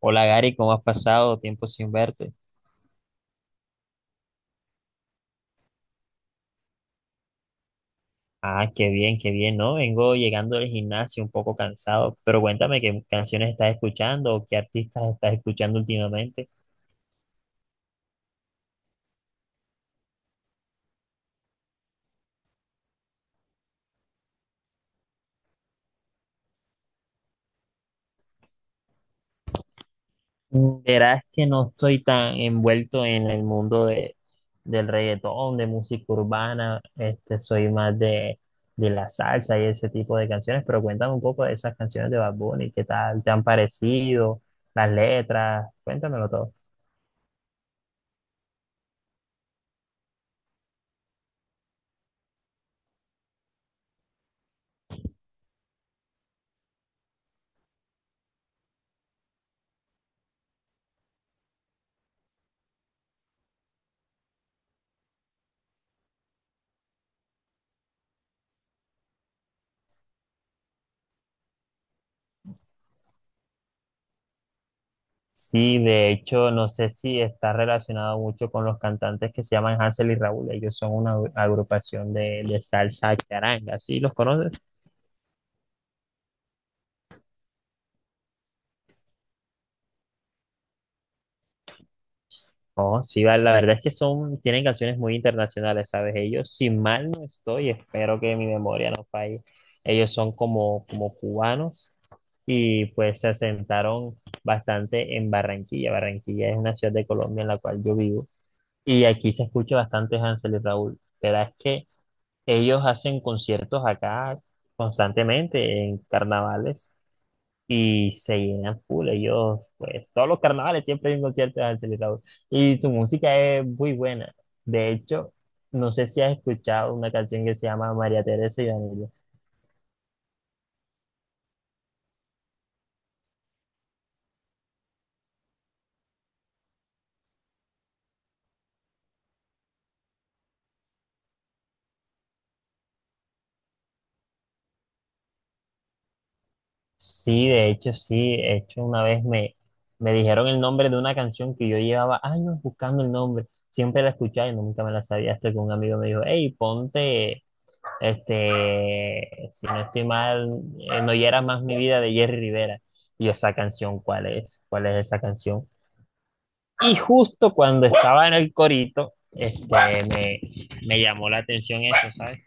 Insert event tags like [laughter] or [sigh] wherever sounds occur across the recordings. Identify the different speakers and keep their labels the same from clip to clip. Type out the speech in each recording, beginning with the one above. Speaker 1: Hola Gary, ¿cómo has pasado? Tiempo sin verte. Ah, qué bien, ¿no? Vengo llegando del gimnasio un poco cansado, pero cuéntame qué canciones estás escuchando o qué artistas estás escuchando últimamente. Verás que no estoy tan envuelto en el mundo del reggaetón, de música urbana, este, soy más de la salsa y ese tipo de canciones, pero cuéntame un poco de esas canciones de Bad Bunny, ¿qué tal te han parecido? Las letras, cuéntamelo todo. Sí, de hecho, no sé si está relacionado mucho con los cantantes que se llaman Hansel y Raúl. Ellos son una agrupación de salsa charanga. ¿Sí los conoces? Oh, sí, la verdad es que son, tienen canciones muy internacionales, ¿sabes? Ellos, si mal no estoy, espero que mi memoria no falle. Ellos son como, como cubanos y pues se asentaron bastante en Barranquilla. Barranquilla es una ciudad de Colombia en la cual yo vivo y aquí se escucha bastante Hansel y Raúl. Pero es que ellos hacen conciertos acá constantemente en carnavales y se llenan full. Ellos, pues, todos los carnavales siempre hay un concierto de Hansel y Raúl. Y su música es muy buena. De hecho, no sé si has escuchado una canción que se llama María Teresa y Danilo. Sí. De hecho, una me dijeron el nombre de una canción que yo llevaba años buscando el nombre. Siempre la escuchaba y nunca me la sabía hasta que un amigo me dijo, hey, ponte. Este, si no estoy mal, No hiera más mi vida de Jerry Rivera. Y yo, esa canción, ¿cuál es? ¿Cuál es esa canción? Y justo cuando estaba en el corito, este, me llamó la atención eso, ¿sabes?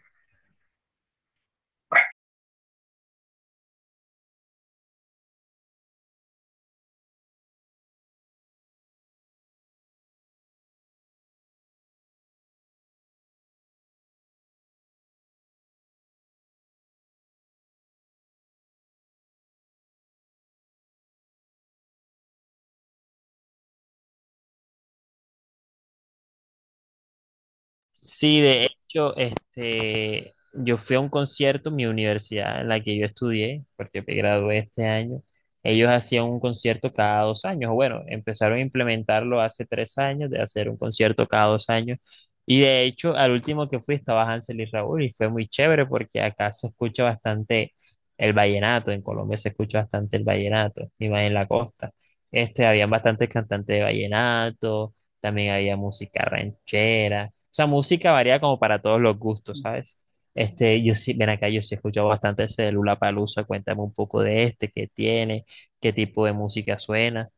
Speaker 1: Sí, de hecho, este, yo fui a un concierto en mi universidad en la que yo estudié, porque me gradué este año. Ellos hacían un concierto cada dos años. O bueno, empezaron a implementarlo hace tres años, de hacer un concierto cada dos años. Y de hecho, al último que fui estaba Hansel y Raúl y fue muy chévere porque acá se escucha bastante el vallenato. En Colombia se escucha bastante el vallenato, y más en la costa. Este, habían bastantes cantantes de vallenato, también había música ranchera, o sea, música varía como para todos los gustos, ¿sabes? Este, yo sí, ven acá, yo sí he escuchado bastante ese de Lollapalooza, cuéntame un poco de este, qué tiene, qué tipo de música suena.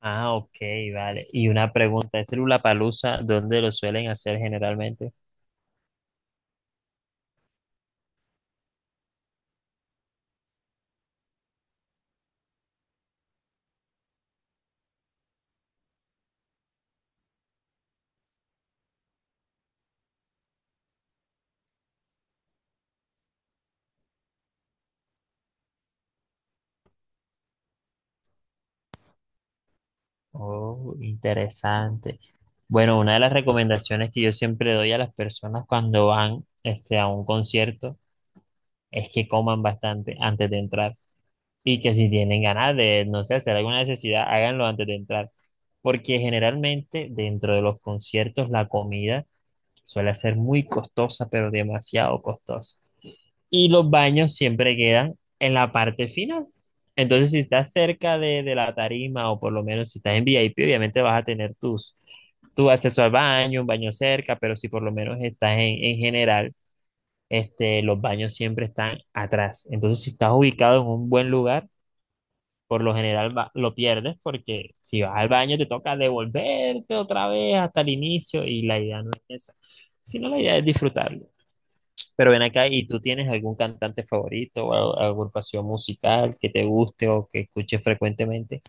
Speaker 1: Ah, ok, vale. Y una pregunta, ¿ese Lollapalooza dónde lo suelen hacer generalmente? Oh, interesante. Bueno, una de las recomendaciones que yo siempre doy a las personas cuando van este, a un concierto es que coman bastante antes de entrar y que si tienen ganas de, no sé, hacer alguna necesidad, háganlo antes de entrar. Porque generalmente dentro de los conciertos la comida suele ser muy costosa, pero demasiado costosa y los baños siempre quedan en la parte final. Entonces, si estás cerca de la tarima o por lo menos si estás en VIP, obviamente vas a tener tu acceso al baño, un baño cerca, pero si por lo menos estás en general, este, los baños siempre están atrás. Entonces, si estás ubicado en un buen lugar, por lo general lo pierdes porque si vas al baño te toca devolverte otra vez hasta el inicio y la idea no es esa, sino la idea es disfrutar. Pero ven acá, ¿y tú tienes algún cantante favorito o agrupación musical que te guste o que escuches frecuentemente?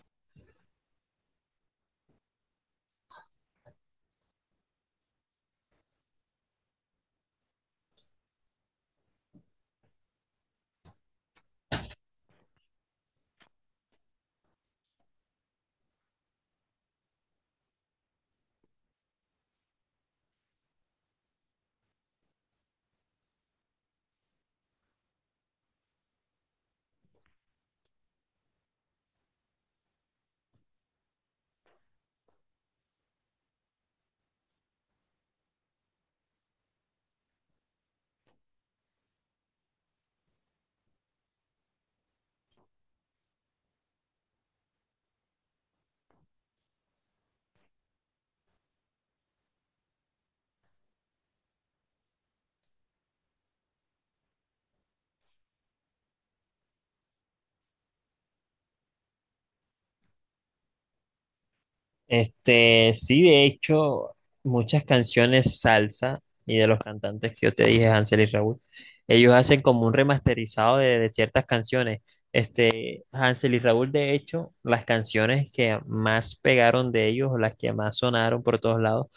Speaker 1: Este, sí, de hecho, muchas canciones salsa y de los cantantes que yo te dije, Hansel y Raúl, ellos hacen como un remasterizado de ciertas canciones. Este, Hansel y Raúl, de hecho, las canciones que más pegaron de ellos, o las que más sonaron por todos lados,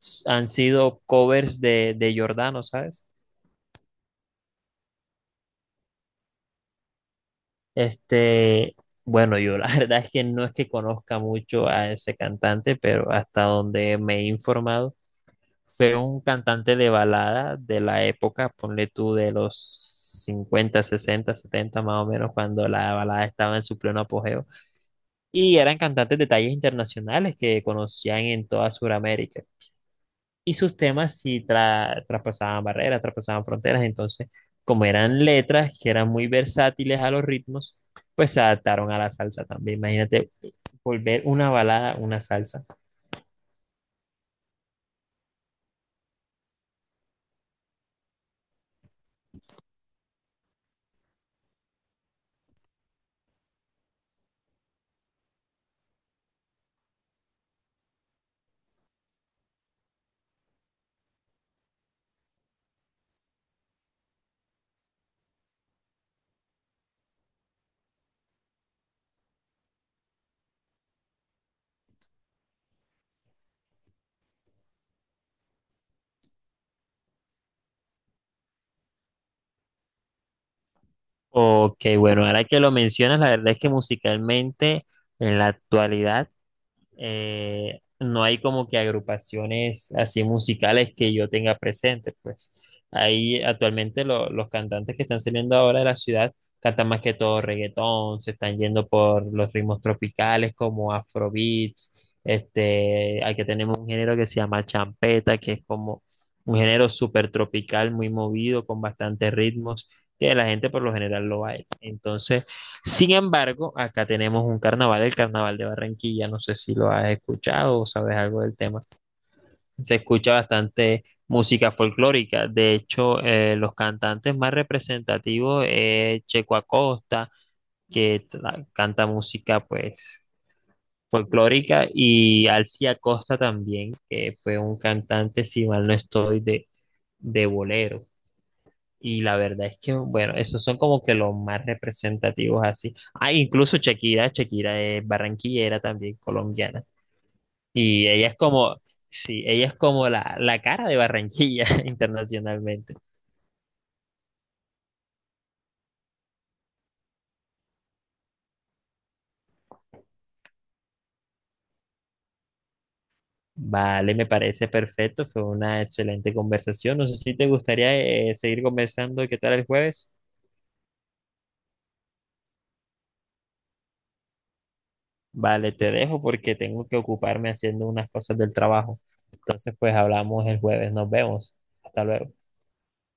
Speaker 1: han sido covers de Giordano, ¿sabes? Este, bueno, yo la [laughs] verdad es que no es que conozca mucho a ese cantante, pero hasta donde me he informado, fue un cantante de balada de la época, ponle tú de los 50, 60, 70, más o menos, cuando la balada estaba en su pleno apogeo. Y eran cantantes de tallas internacionales que conocían en toda Sudamérica y sus temas sí traspasaban barreras, traspasaban fronteras. Entonces, como eran letras que eran muy versátiles a los ritmos, pues se adaptaron a la salsa también. Imagínate volver una balada una salsa. Ok, bueno, ahora que lo mencionas, la verdad es que musicalmente en la actualidad no hay como que agrupaciones así musicales que yo tenga presente, pues. Ahí actualmente los cantantes que están saliendo ahora de la ciudad cantan más que todo reggaetón, se están yendo por los ritmos tropicales como afrobeats, este, aquí tenemos un género que se llama champeta, que es como un género súper tropical, muy movido, con bastantes ritmos, que la gente por lo general lo baila. Entonces, sin embargo, acá tenemos un carnaval, el Carnaval de Barranquilla, no sé si lo has escuchado o sabes algo del tema. Se escucha bastante música folclórica, de hecho, los cantantes más representativos es Checo Acosta, que canta música pues folclórica, y Alci Acosta también, que fue un cantante, si mal no estoy, de bolero. Y la verdad es que, bueno, esos son como que los más representativos así. Ah, incluso Shakira, Shakira es barranquillera también, colombiana. Y ella es como, sí, ella es como la cara de Barranquilla [laughs] internacionalmente. Vale, me parece perfecto, fue una excelente conversación. No sé si te gustaría seguir conversando, ¿qué tal el jueves? Vale, te dejo porque tengo que ocuparme haciendo unas cosas del trabajo. Entonces, pues hablamos el jueves, nos vemos. Hasta luego.